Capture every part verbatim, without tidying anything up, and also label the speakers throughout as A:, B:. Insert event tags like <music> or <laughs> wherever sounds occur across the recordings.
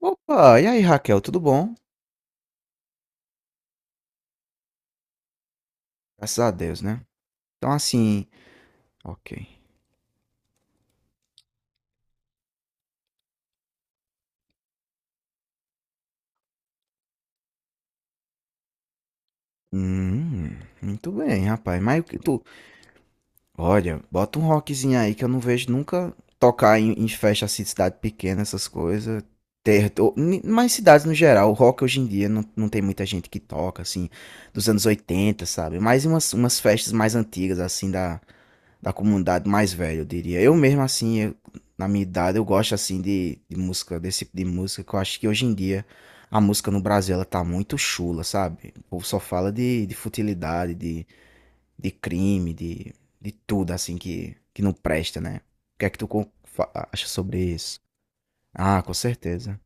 A: Opa, e aí Raquel, tudo bom? Graças a Deus, né? Então assim, ok. Hum, muito bem, rapaz. Mas o que tu. Olha, bota um rockzinho aí que eu não vejo nunca tocar em, em festa assim de cidade pequena, essas coisas. Ter, ou, ni- mas cidades no geral, o rock hoje em dia não, não tem muita gente que toca, assim, dos anos oitenta, sabe? Mais umas, umas festas mais antigas, assim, da, da comunidade mais velha, eu diria. Eu mesmo, assim, eu- na minha idade, eu gosto, assim, de, de música, desse tipo de música, que eu acho que hoje em dia a música no Brasil, ela tá muito chula, sabe? O povo só fala de, de futilidade, de, de crime, de, de tudo, assim, que, que não presta, né? O que é que tu con- fa- acha sobre isso? Ah, com certeza.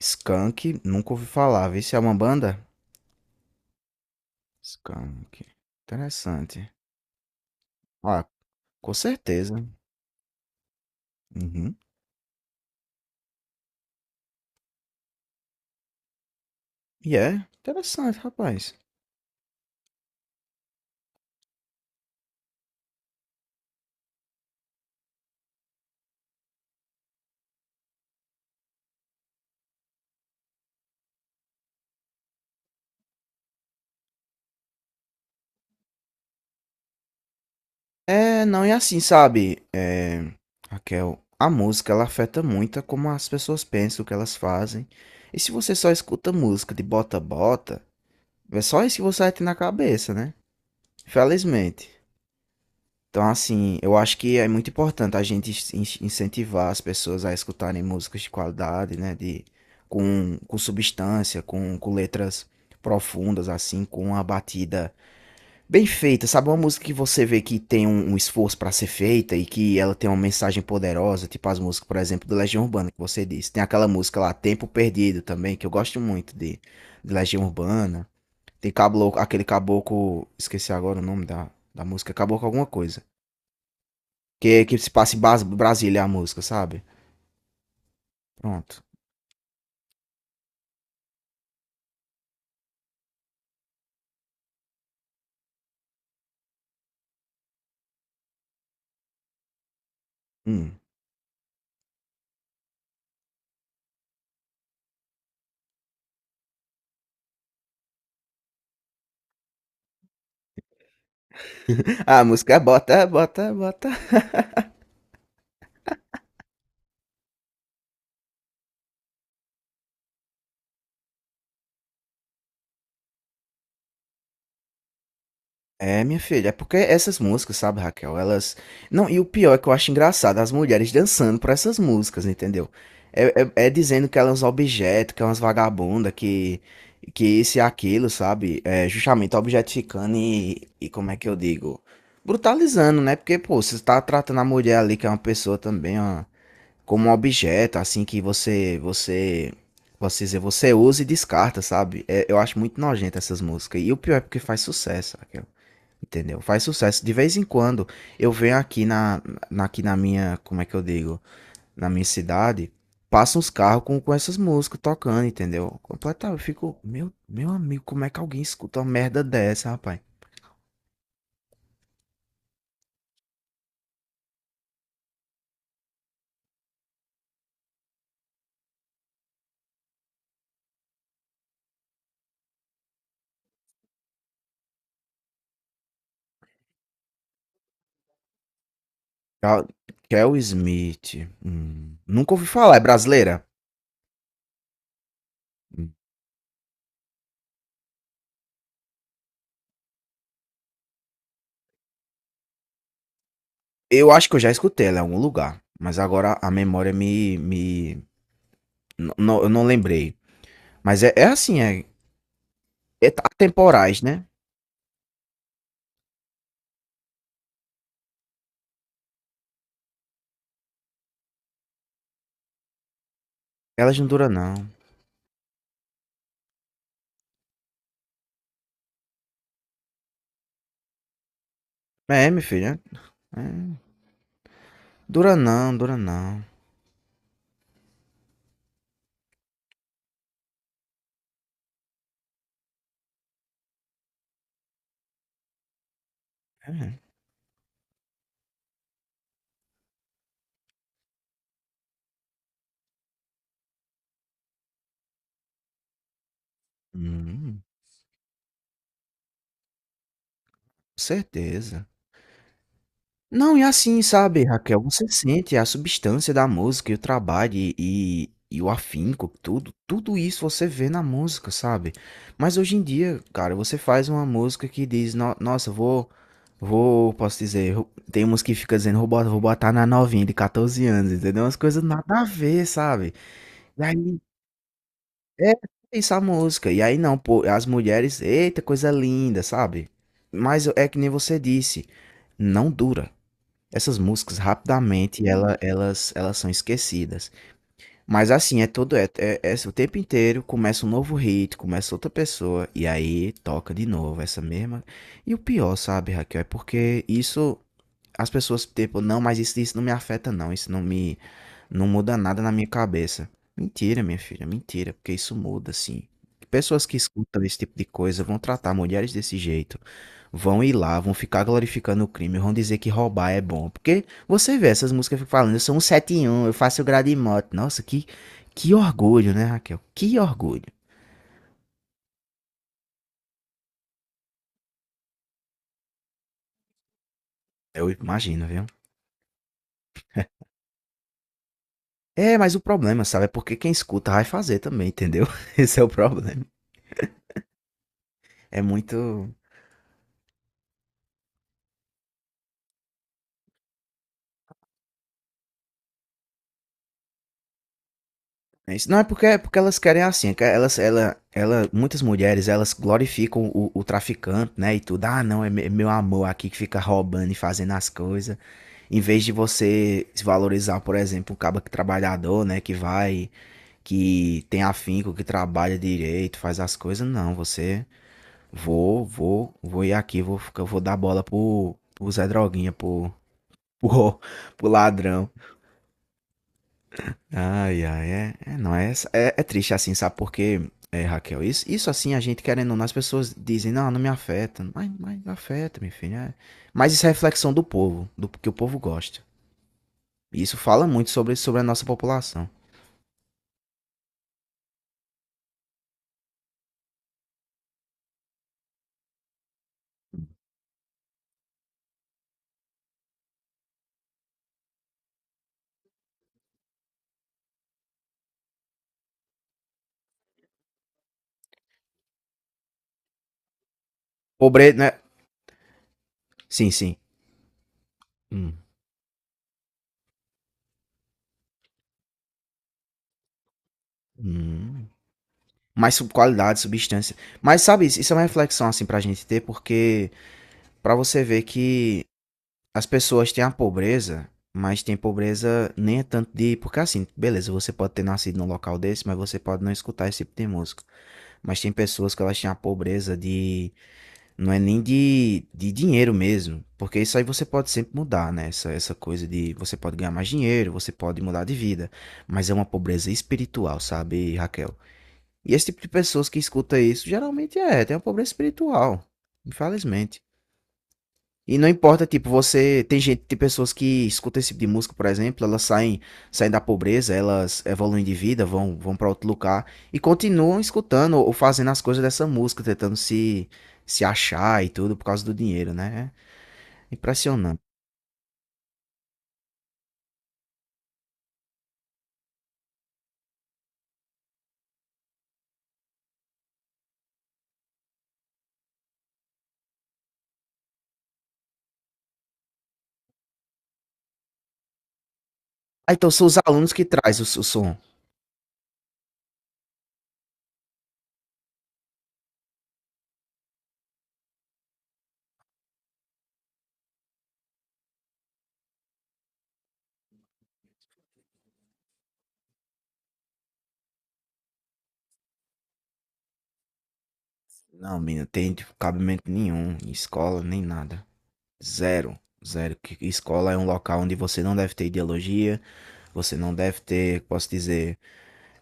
A: Skank, nunca ouvi falar. Vê se é uma banda? Skank. Interessante. Ah, com certeza. Uhum. E é interessante, rapaz. É, não, E assim, sabe, é, Raquel, a música ela afeta muito a como as pessoas pensam, o que elas fazem. E se você só escuta música de bota-bota, é só isso que você vai ter na cabeça, né? Felizmente. Então, assim, eu acho que é muito importante a gente in- incentivar as pessoas a escutarem músicas de qualidade, né? De, com, com substância, com, com letras profundas, assim, com uma batida bem feita, sabe? Uma música que você vê que tem um, um esforço pra ser feita e que ela tem uma mensagem poderosa, tipo as músicas, por exemplo, do Legião Urbana que você disse. Tem aquela música lá, Tempo Perdido também, que eu gosto muito de, de Legião Urbana. Tem cablo, aquele caboclo, esqueci agora o nome da, da música, caboclo alguma coisa. Que, que se passa em Bas- Brasília a música, sabe? Pronto. Hum. A música é bota, bota, bota. É, minha filha, é porque essas músicas, sabe, Raquel, elas. Não, e o pior é que eu acho engraçado as mulheres dançando pra essas músicas, entendeu? É, é, é dizendo que elas são objetos, que elas umas vagabundas, que, que isso e aquilo, sabe? É justamente objetificando e, e como é que eu digo? Brutalizando, né? Porque, pô, você tá tratando a mulher ali, que é uma pessoa também, ó, como um objeto, assim, que você, você, posso dizer, você usa e descarta, sabe? É, eu acho muito nojento essas músicas. E o pior é porque faz sucesso, Raquel. Entendeu? Faz sucesso. De vez em quando eu venho aqui na, na- aqui na minha, como é que eu digo? Na minha cidade, passam uns carros com, com essas músicas tocando, entendeu? Completamente. Eu fico, meu, meu amigo, como é que alguém escuta uma merda dessa, rapaz? Cal- Kel Smith. Hum, nunca ouvi falar, é brasileira? Hum. Eu acho que eu já escutei ela em algum lugar, mas agora a memória me, me... n- não- eu não lembrei. Mas é, é assim, é, é atemporais, né? Elas não duram, não. É, meu filho, é. Dura não, dura não. É. Hum, certeza. Não, e assim, sabe, Raquel, você sente a substância da música e o trabalho e e e o afinco, tudo, tudo isso você vê na música, sabe. Mas hoje em dia, cara, você faz uma música que diz: "No nossa, vou vou posso dizer, ro". Tem umas que fica dizendo: "Vou bo vou botar na novinha de quatorze anos", entendeu, umas coisas nada a ver, sabe. É, isso a música. E aí não, pô, as mulheres, eita, coisa linda, sabe? Mas é que nem você disse, não dura. Essas músicas rapidamente ela, elas elas são esquecidas. Mas assim, é todo é, é, é o tempo inteiro, começa um novo hit, começa outra pessoa e aí toca de novo essa mesma. E o pior, sabe, Raquel, é porque isso as pessoas, tipo, não, mas isso, isso não me afeta, não. Isso não me. Não muda nada na minha cabeça. Mentira, minha filha, mentira, porque isso muda, assim. Pessoas que escutam esse tipo de coisa vão tratar mulheres desse jeito, vão ir lá, vão ficar glorificando o crime, vão dizer que roubar é bom. Porque você vê essas músicas ficam falando: "Eu sou um sete e um, eu faço grade em moto". Nossa, que, que orgulho, né, Raquel? Que orgulho. Eu imagino, viu? É, mas o problema, sabe, é porque quem escuta vai fazer também, entendeu? <laughs> Esse é o problema. É muito. É isso. Não, é porque, é porque elas querem assim, é que elas, ela, ela, muitas mulheres, elas glorificam o, o traficante, né, e tudo, ah, não, é me- é meu amor aqui que fica roubando e fazendo as coisas, em vez de você se valorizar, por exemplo, o cabo que trabalhador, né, que vai, que tem afinco, que trabalha direito, faz as coisas, não, você, vou, vou, vou ir aqui, vou, ficar- vou dar bola pro, pro Zé Droguinha, pro, pro, <laughs> pro ladrão. Ai, ai, é, é, não, é, é, é triste assim, sabe? Porque, é, Raquel, isso, isso assim, a gente querendo ou não, as pessoas dizem: "Não, não me afeta", mas, mas afeta, meu filho, é. Mas isso é reflexão do povo, do que o povo gosta. E isso fala muito sobre, sobre a nossa população. Pobre, né? Sim, sim. Hum, hum. Mais sub- qualidade, substância. Mas, sabe, isso isso é uma reflexão assim pra gente ter, porque pra você ver que as pessoas têm a pobreza, mas tem pobreza nem é tanto de. Porque assim, beleza, você pode ter nascido num local desse, mas você pode não escutar esse tipo de música. Mas tem pessoas que elas têm a pobreza de. Não é nem de, de dinheiro mesmo. Porque isso aí você pode sempre mudar, né? Essa, essa coisa de você pode ganhar mais dinheiro, você pode mudar de vida. Mas é uma pobreza espiritual, sabe, Raquel? E esse tipo de pessoas que escuta isso geralmente é, tem uma pobreza espiritual. Infelizmente. E não importa, tipo, você. Tem gente, tem pessoas que escutam esse tipo de música, por exemplo, elas saem, saem da pobreza, elas evoluem de vida, vão, vão para outro lugar e continuam escutando ou fazendo as coisas dessa música, tentando se, se achar e tudo por causa do dinheiro, né? É impressionante. Ah, então são os alunos que traz o, o som. Não, menina, tem tipo, cabimento nenhum, em escola nem nada. Zero. Zero. Que- que escola é um local onde você não deve ter ideologia, você não deve ter, posso dizer,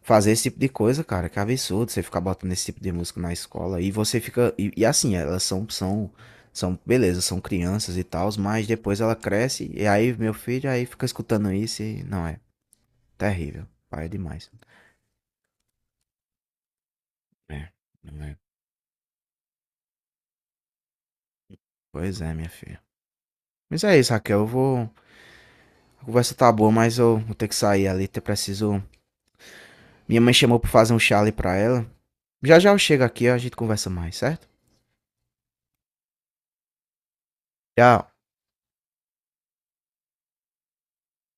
A: fazer esse tipo de coisa, cara, que absurdo você ficar botando esse tipo de música na escola e você fica e, e assim, elas são são são beleza, são crianças e tal, mas depois ela cresce e aí meu filho aí fica escutando isso e não é terrível, pai, é demais. É, não é. Pois é, minha filha. Mas é isso, Raquel, eu vou, a conversa tá boa, mas eu vou ter que sair ali, eu preciso. Minha mãe chamou pra fazer um chá ali pra ela. Já já eu chego aqui, a gente conversa mais, certo? Tchau.